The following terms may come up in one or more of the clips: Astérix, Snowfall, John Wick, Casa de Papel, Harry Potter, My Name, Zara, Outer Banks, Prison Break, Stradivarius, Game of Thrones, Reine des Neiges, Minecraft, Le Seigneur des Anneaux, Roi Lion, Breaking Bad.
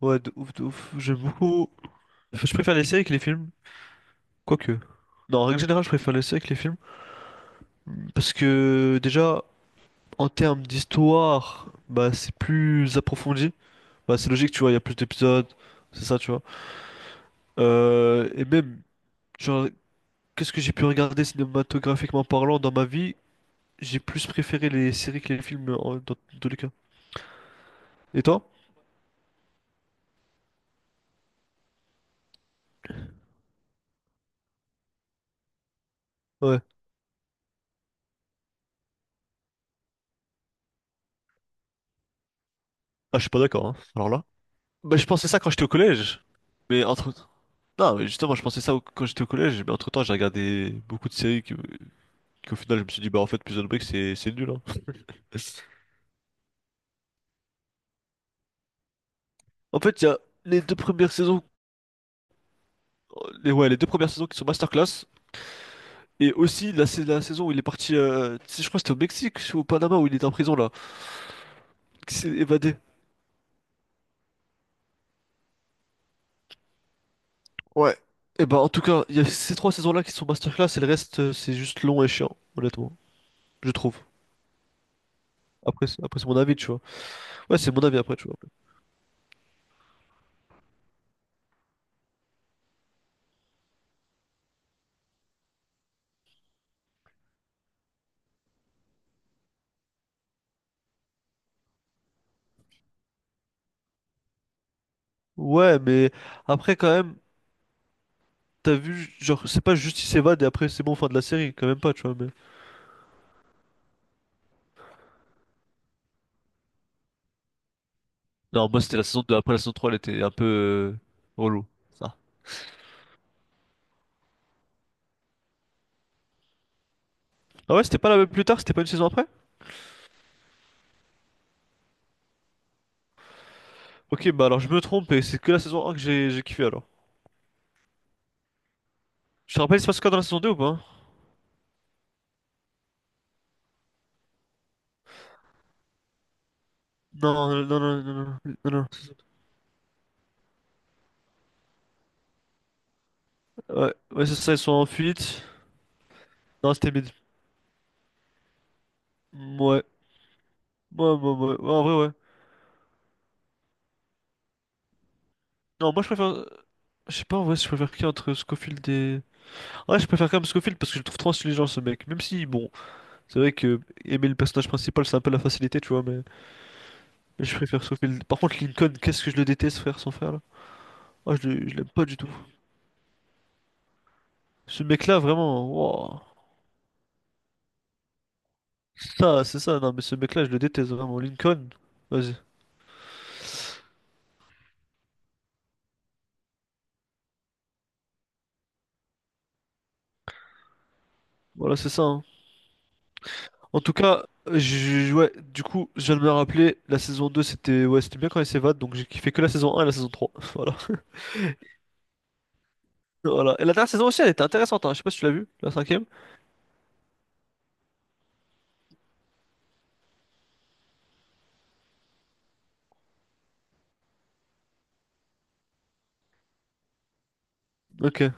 Ouais, de ouf, de ouf. J'aime beaucoup. Je préfère les séries que les films, quoique. Non, en règle générale, je préfère les séries que les films. Parce que, déjà, en termes d'histoire, bah, c'est plus approfondi. Bah, c'est logique, tu vois, il y a plus d'épisodes. C'est ça, tu vois. Et même, genre, qu'est-ce que j'ai pu regarder cinématographiquement parlant dans ma vie? J'ai plus préféré les séries que les films, dans tous les cas. Et toi? Ouais. Ah, je suis pas d'accord, hein. Alors là. Bah, je pensais ça quand j'étais au collège. Mais entre, Non, mais justement, je pensais ça quand j'étais au collège, mais entre-temps, j'ai regardé beaucoup de séries qui qu'au final, je me suis dit, bah en fait, Prison Break, c'est nul, hein. En fait, il y a les deux premières saisons, ouais, les deux premières saisons qui sont masterclass, et aussi la saison où il est parti, tu sais, je crois que c'était au Mexique ou au Panama où il était en prison, là, qui s'est évadé. Ouais. Et bah, en tout cas, il y a ces trois saisons-là qui sont masterclass, et le reste, c'est juste long et chiant, honnêtement, je trouve. Après c'est mon avis, tu vois. Ouais, c'est mon avis après, tu vois. Ouais, mais après, quand même. T'as vu, genre, c'est pas juste il s'évade et après c'est bon, fin de la série, quand même pas, tu vois. Mais... Non, moi c'était la saison deux. Après, la saison trois, elle était un peu relou. Ça. Ah ouais, c'était pas la même plus tard, c'était pas une saison après? Ok, bah alors je me trompe et c'est que la saison un que j'ai kiffé alors. Je te rappelle, il se passe quoi dans la saison deux ou pas? Non, non, non, non, non, non, non, non. Ouais, ouais, c'est ça, ils sont en fuite. Non, c'était mid. Ouais. Ouais, en vrai, ouais. Non, moi je préfère. Je sais pas en vrai si je préfère qui entre Scofield et. Ouais, je préfère quand même Scofield parce que je le trouve trop intelligent ce mec. Même si, bon, c'est vrai que aimer le personnage principal, c'est un peu la facilité, tu vois, mais je préfère sauver. Par contre, Lincoln, qu'est-ce que je le déteste, frère, son frère, là. Ah, je l'aime pas du tout. Ce mec-là, vraiment, wow. Non, mais ce mec-là, je le déteste, vraiment. Lincoln, vas-y. Voilà, c'est ça, hein. En tout cas, ouais, du coup, je viens de me rappeler, la saison 2, c'était ouais, c'était bien quand il s'évade, donc j'ai kiffé que la saison un et la saison 3. Voilà. Voilà. Et la dernière saison aussi, elle était intéressante, hein. Je sais pas si tu l'as vue, la cinquième. Ok. Ouais,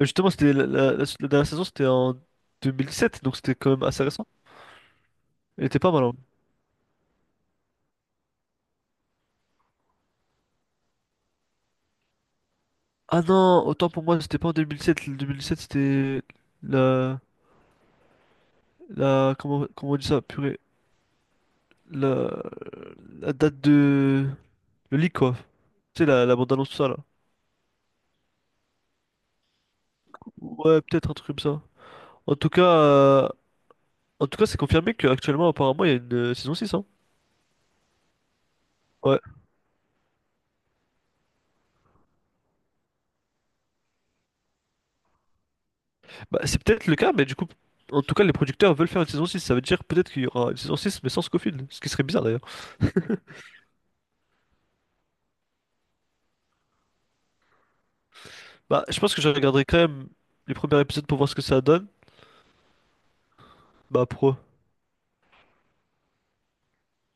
justement, c'était la dernière saison, c'était en 2017, donc c'était quand même assez récent. Il était pas mal, hein. Ah non, autant pour moi, c'était pas en 2007. Le 2007, c'était la, comment, comment on dit ça, purée, la, la date de, le leak quoi. Tu sais, la bande-annonce, tout ça là. Ouais, peut-être un truc comme ça. En tout cas, euh, en tout cas, c'est confirmé qu'actuellement, apparemment, il y a une saison six, hein. Ouais. Bah, c'est peut-être le cas, mais du coup, en tout cas, les producteurs veulent faire une saison six. Ça veut dire peut-être qu'il y aura une saison 6 mais sans Scofield, ce qui serait bizarre d'ailleurs. Bah, je pense que je regarderai quand même les premiers épisodes pour voir ce que ça donne. Bah, pro.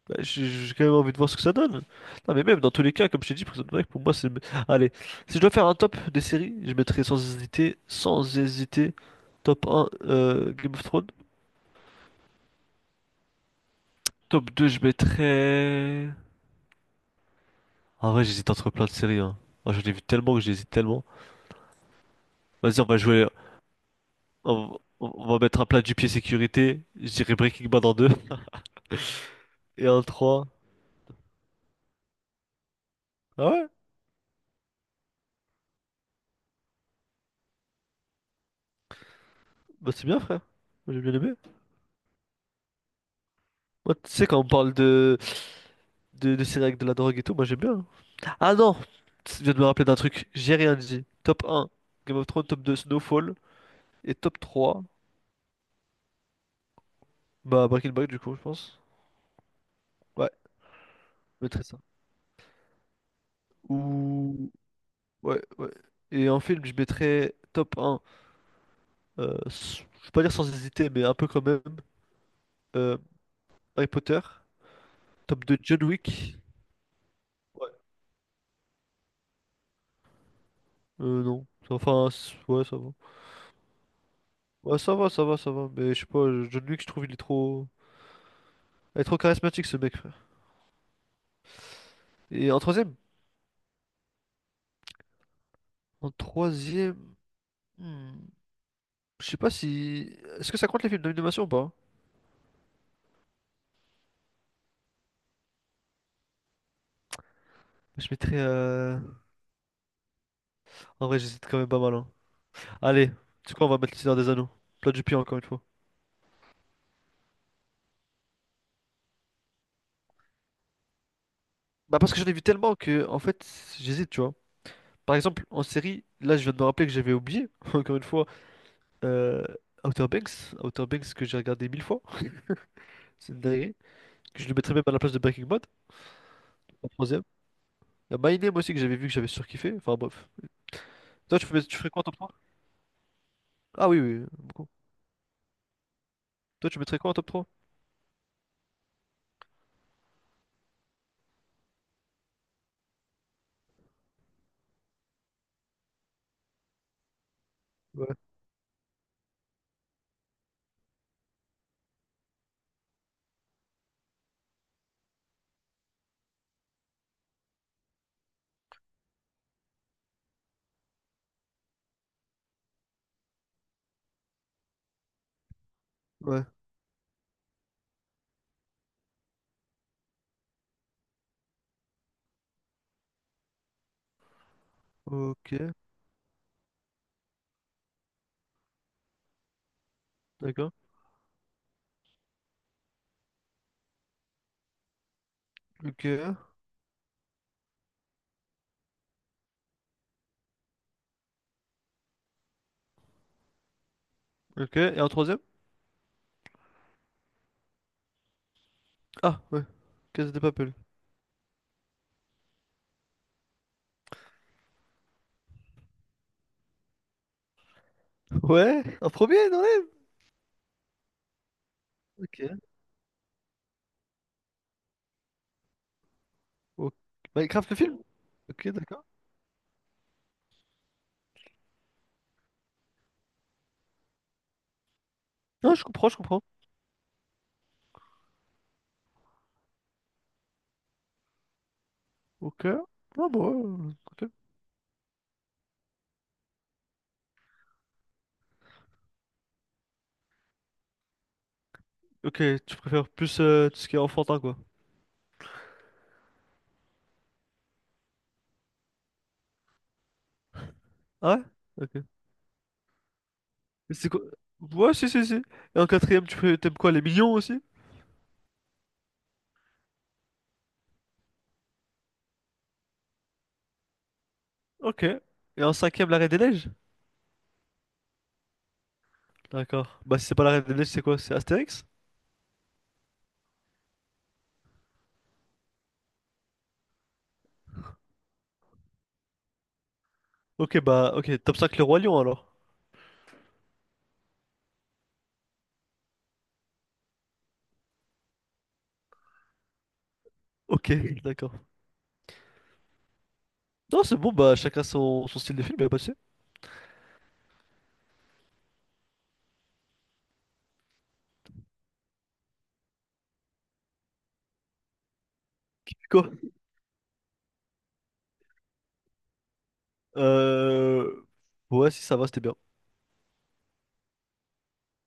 Bah, j'ai quand même envie de voir ce que ça donne. Non, mais même dans tous les cas, comme je t'ai dit, Prison Break, pour moi, c'est. Allez, si je dois faire un top des séries, je mettrais sans hésiter, sans hésiter, top un Game of Thrones. Top 2 je mettrais. En vrai, j'hésite entre plein de séries, hein. Moi, j'en ai vu tellement que j'hésite tellement. Vas-y, on va jouer. On va mettre un plat du pied sécurité. Je dirais Breaking Bad en 2 et en trois. Ah ouais? Bah, c'est bien, frère. Moi, j'ai bien aimé. Moi, tu sais, quand on parle de séries avec de la drogue et tout, moi, j'aime bien, hein. Ah non! Tu viens de me rappeler d'un truc, j'ai rien dit. Top un, Game of Thrones, top 2, Snowfall. Et top 3, bah Breaking Bad du coup, je pense. Ouais, je mettrais ça. Ou... Ouais, ouais. Et en film, je mettrais top un, je vais pas dire sans hésiter, mais un peu quand même, euh, Harry Potter. Top 2, John Wick. Ouais. Non. Ouais, ça va. Ouais, ça va. Mais je sais pas, John Wick, je trouve il est trop... Il est trop charismatique ce mec, frère. Et en troisième? En troisième... Hmm. Je sais pas si. Est-ce que ça compte les films d'animation ou pas? Je mettrais. En vrai, j'hésite quand même pas mal, hein. Allez, tu crois, on va mettre Le Seigneur des Anneaux. Plat du pied, encore une fois. Bah, parce que j'en ai vu tellement que, en fait, j'hésite, tu vois. Par exemple, en série, là, je viens de me rappeler que j'avais oublié, encore une fois, euh, Outer Banks. Outer Banks que j'ai regardé mille fois. C'est une dinguerie. Que je le mettrais même à la place de Breaking Bad, en troisième. Il y a My Name aussi que j'avais vu que j'avais surkiffé. Enfin, bref. Tu ferais quoi en top trois? Ah oui, oui, oui, beaucoup. Toi, tu mettrais quoi en top trois? Ouais, ouais. Ok, d'accord. Ok, ok. Et en troisième? Ah, ouais. Casa de Papel. Ouais, en premier, dans les... Ok. Ok. Minecraft, le film? Ok, d'accord. Non, je comprends, je comprends. Ok. Ah, bon, ouais, ok, ok, tu préfères plus tout ce qui est enfantin, quoi. Ah ouais? Ok. Et c'est quoi? Ouais, si, si, si. Et en quatrième, t'aimes quoi? Les millions aussi? Ok. Et en cinquième, la Reine des Neiges? D'accord. Bah, si c'est pas la Reine des Neiges, c'est quoi? C'est Astérix? Ok, bah, ok. Top 5, le Roi Lion, alors. Ok, d'accord. Non, c'est bon, bah, chacun son, son style de film, y'a pas de souci. Quoi? Euh... Ouais, si ça va, c'était bien.